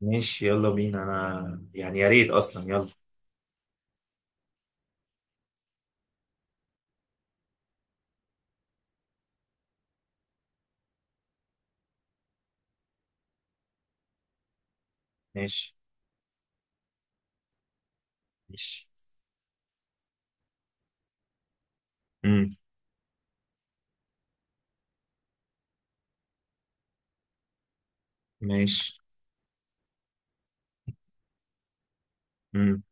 ماشي، يلا بينا. انا يعني يا ريت اصلا يلا. ماشي. ماشي. امم. ماشي. امم.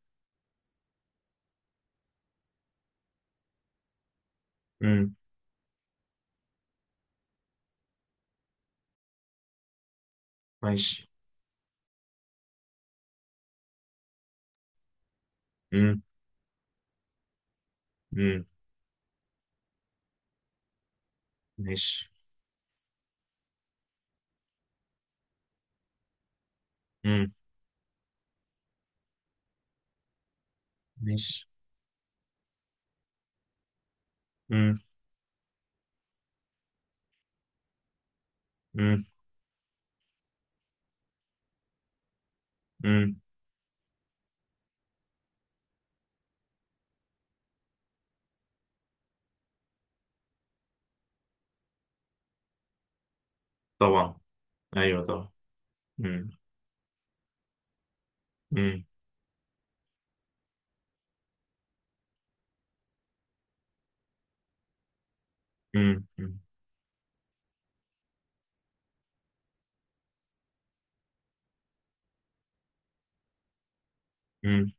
امم. ماشي. امم. امم. ماشي. امم. ماشي. امم. امم. امم. طبعا. ايوه طبعا. امم. امم. امم. امم.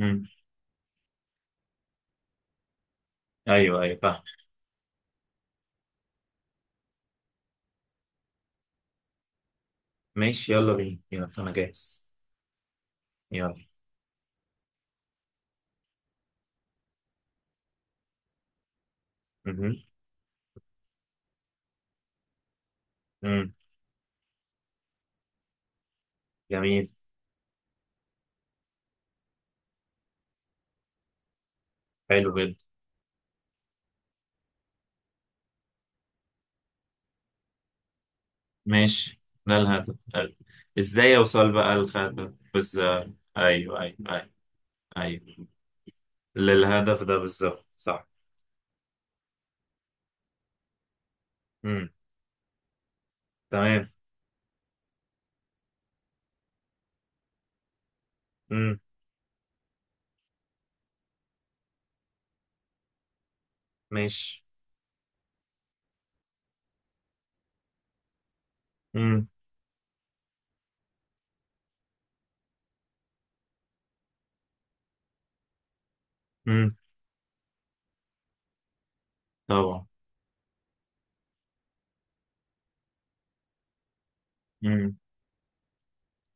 امم. ايوه ايوه فاهم. ماشي يلا بينا، يلا انا جاهز. يلا. امم. امم. جميل. حلو جدا. ماشي. ده الهدف. ازاي اوصل بقى الهدف بس؟ ايوه ايوه ايوه ايوه، للهدف ده بالظبط، صح. امم. تمام. امم. ماشي. امم. امم. طبعا. امم.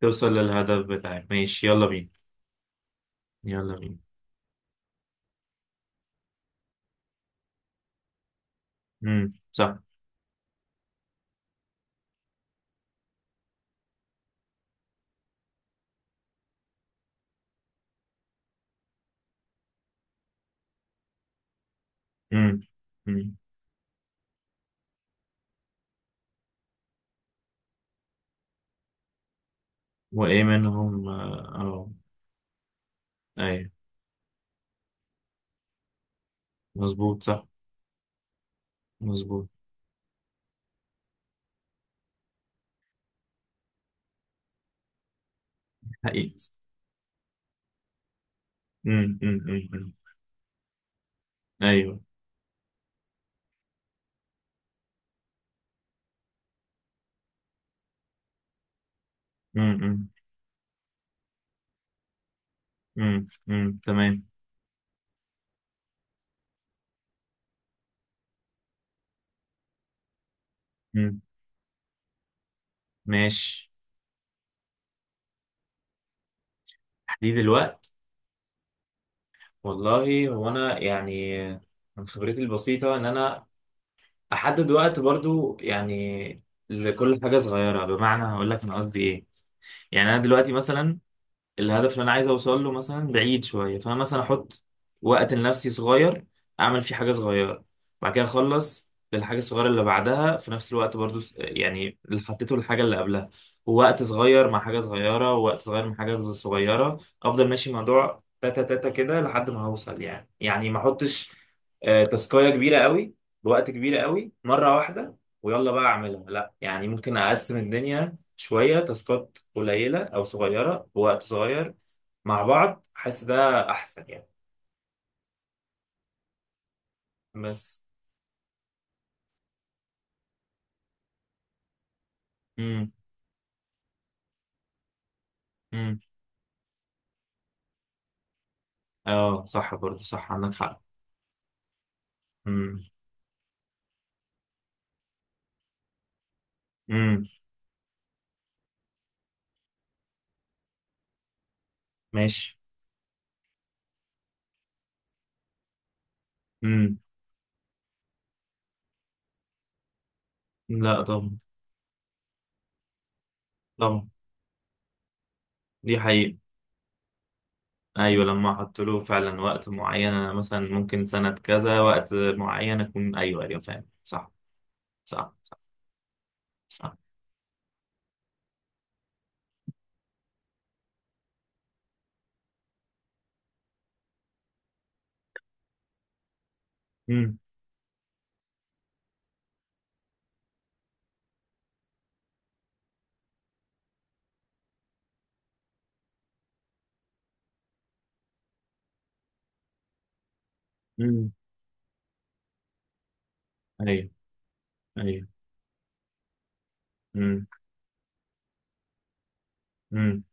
توصل للهدف بتاعك، ماشي يلا بينا. يلا بينا. صح. امم. امم. وايه منهم ايوه مظبوط صح. مظبوط. حقيقي. امم. امم. أمم. ايوه. امم. امم. أمم. تمام. امم. ماشي. تحديد الوقت. والله هو انا يعني من خبرتي البسيطة إن أنا احدد وقت برضو يعني لكل حاجه صغيره. بمعنى هقول لك انا قصدي ايه. يعني انا دلوقتي مثلا الهدف اللي انا عايز اوصل له مثلا بعيد شويه، فانا مثلا احط وقت لنفسي صغير اعمل فيه حاجه صغيره. بعد كده اخلص للحاجه الصغيره اللي بعدها في نفس الوقت برضو يعني اللي حطيته للحاجه اللي قبلها. ووقت صغير مع حاجه صغيره، ووقت صغير مع حاجه صغيره، افضل ماشي موضوع تاتا تاتا كده لحد ما هوصل يعني. يعني ما احطش تاسكايه كبيره قوي بوقت كبير قوي مره واحده، ويلا بقى اعملها. لا يعني ممكن اقسم الدنيا شوية تاسكات قليلة أو صغيرة بوقت صغير مع بعض. حاسس ده أحسن يعني. بس. امم. امم. اه صح برضه، صح عندك حق. امم. امم. ماشي. امم. لا طبعا. طبعا. دي حقيقة. أيوة، لما أحط له فعلا وقت معين. أنا مثلا ممكن سنة كذا وقت معين أكون، أيوة أيوة فاهم صح. صح صح صح. امم. امم. أيوة. أيوة. امم.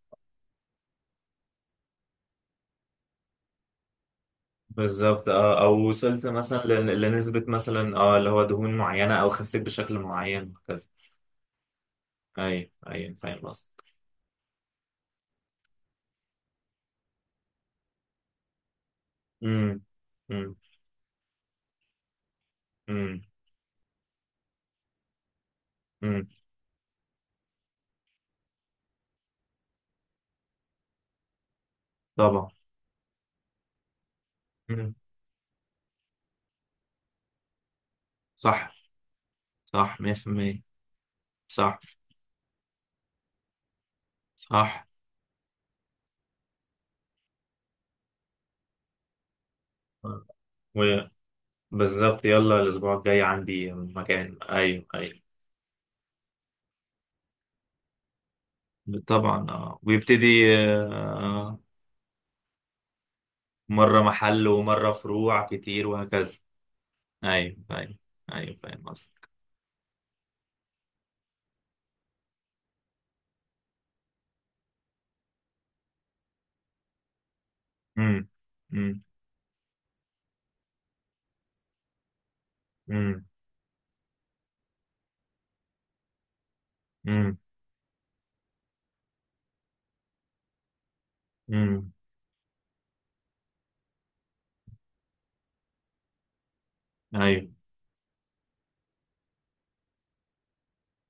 بالظبط اه، او وصلت مثلا لنسبة مثلا اه اللي هو دهون معينة، او خسيت بشكل معين وهكذا. ايوه ايوه فاهم قصدك. امم. امم. امم. امم. طبعا. امم. صح. صح 100% صح. صح. وبالظبط يلا الاسبوع الجاي عندي مكان، ايوه ايوه. طبعا اه ويبتدي. آه مرة محل ومرة فروع كتير وهكذا. ايوه ايوه ايوه فاهم قصدك. امم. امم. امم. امم. ايوه،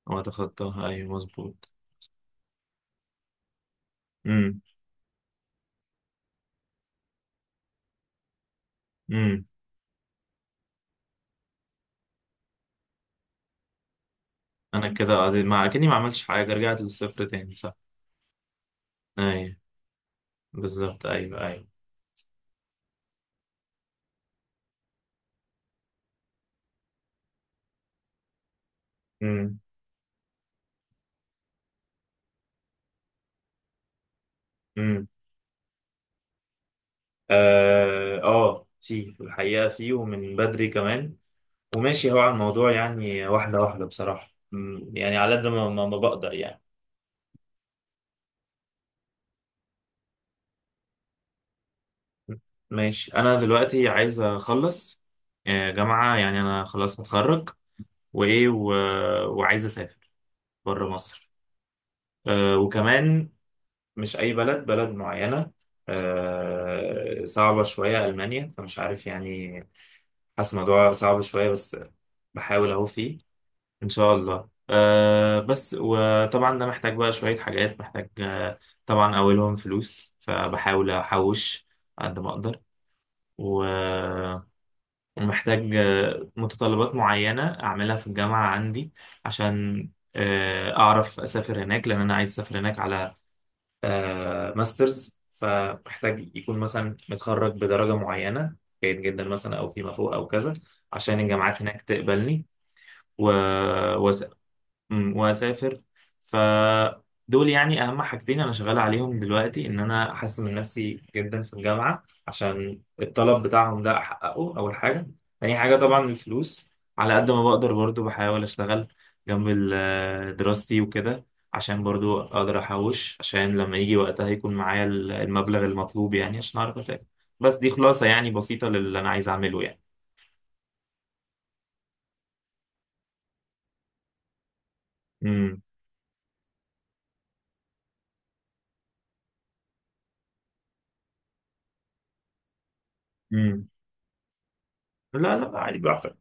هو تخطاها، ايوه مظبوط. امم. امم. انا كده ما اكني ما عملتش حاجه، رجعت للصفر تاني صح. ايوه. بالظبط ايوه ايوه. امم. امم. في الحقيقه في، ومن بدري كمان. وماشي هو على الموضوع يعني، واحده واحده بصراحه. يعني على قد ما بقدر يعني. ماشي. انا دلوقتي عايز اخلص جامعة. يعني انا خلاص متخرج. وايه وعايز اسافر بره مصر. وكمان مش أي بلد، بلد معينة، صعبة شوية، ألمانيا. فمش عارف يعني، حاسس الموضوع صعب شوية، بس بحاول أهو فيه. إن شاء الله. بس وطبعا ده محتاج بقى شوية حاجات. محتاج طبعا أولهم فلوس، فبحاول أحوش قد ما أقدر. و- ومحتاج متطلبات معينة أعملها في الجامعة عندي عشان أعرف أسافر هناك، لأن أنا عايز أسافر هناك على ماسترز. فمحتاج يكون مثلا متخرج بدرجة معينة، جيد جدا مثلا أو فيما فوق أو كذا، عشان الجامعات هناك تقبلني. و... واسافر. فدول يعني اهم حاجتين انا شغال عليهم دلوقتي، ان انا احسن من نفسي جدا في الجامعه عشان الطلب بتاعهم ده احققه، اول حاجه. تاني حاجه طبعا الفلوس، على قد ما بقدر برضو بحاول اشتغل جنب دراستي وكده، عشان برضو اقدر احوش، عشان لما يجي وقتها يكون معايا المبلغ المطلوب يعني، عشان اعرف اسافر. بس دي خلاصه يعني بسيطه للي انا عايز اعمله يعني. امم. امم. لا لا، عادي براحتك.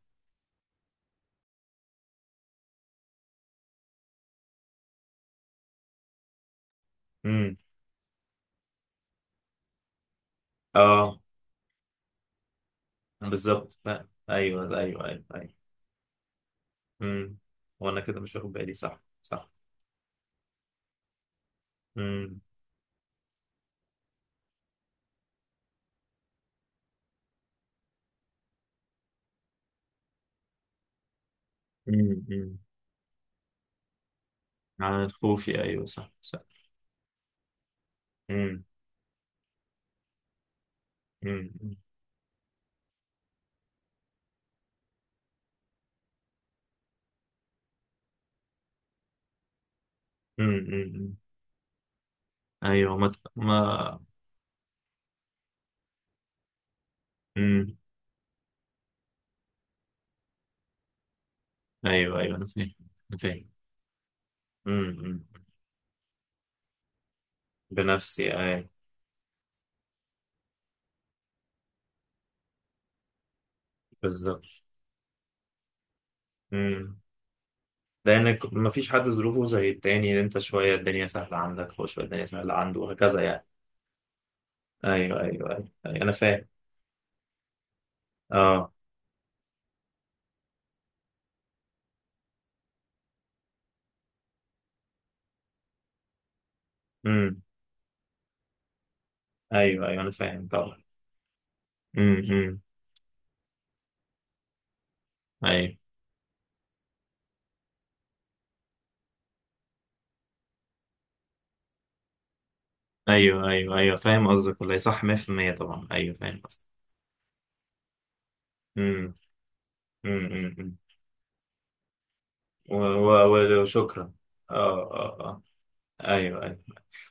امم. اه بالظبط ايوه ايوه ايوه ايوه. امم. وانا كده مش واخد بالي، صح صح. امم. أمم. على الخوفي، ايوه صح صح. امم. امم. أمم. ايوه ما ما امم. ايوه ايوه انا فاهم. انا فاهم. أمم. بنفسي ايوه. بالظبط. امم. لانك ما فيش حد ظروفه زي التاني، انت شويه الدنيا سهله عندك، هو شويه الدنيا سهله عنده وهكذا يعني. ايوه ايوه ايوه، أيوة انا فاهم. اه. امم. ايوه ايوه انا فاهم طبعا. امم. ايوه ايوه ايوه ايوه فاهم قصدك، والله صح 100% طبعا. ايوه فاهم قصدك. امم. أمم. امم. و- وشكرا. اه اه اه. ايوه ايوه.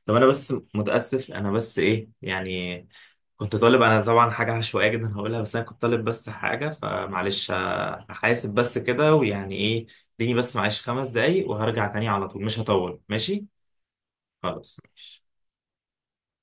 طب انا بس متاسف، انا بس ايه يعني. كنت طالب انا طبعا حاجه عشوائيه جدا هقولها، بس انا كنت طالب بس حاجه، فمعلش هحاسب بس كده ويعني ايه. اديني بس معلش 5 دقايق وهرجع تاني على طول، مش هطول ماشي. خلاص ماشي.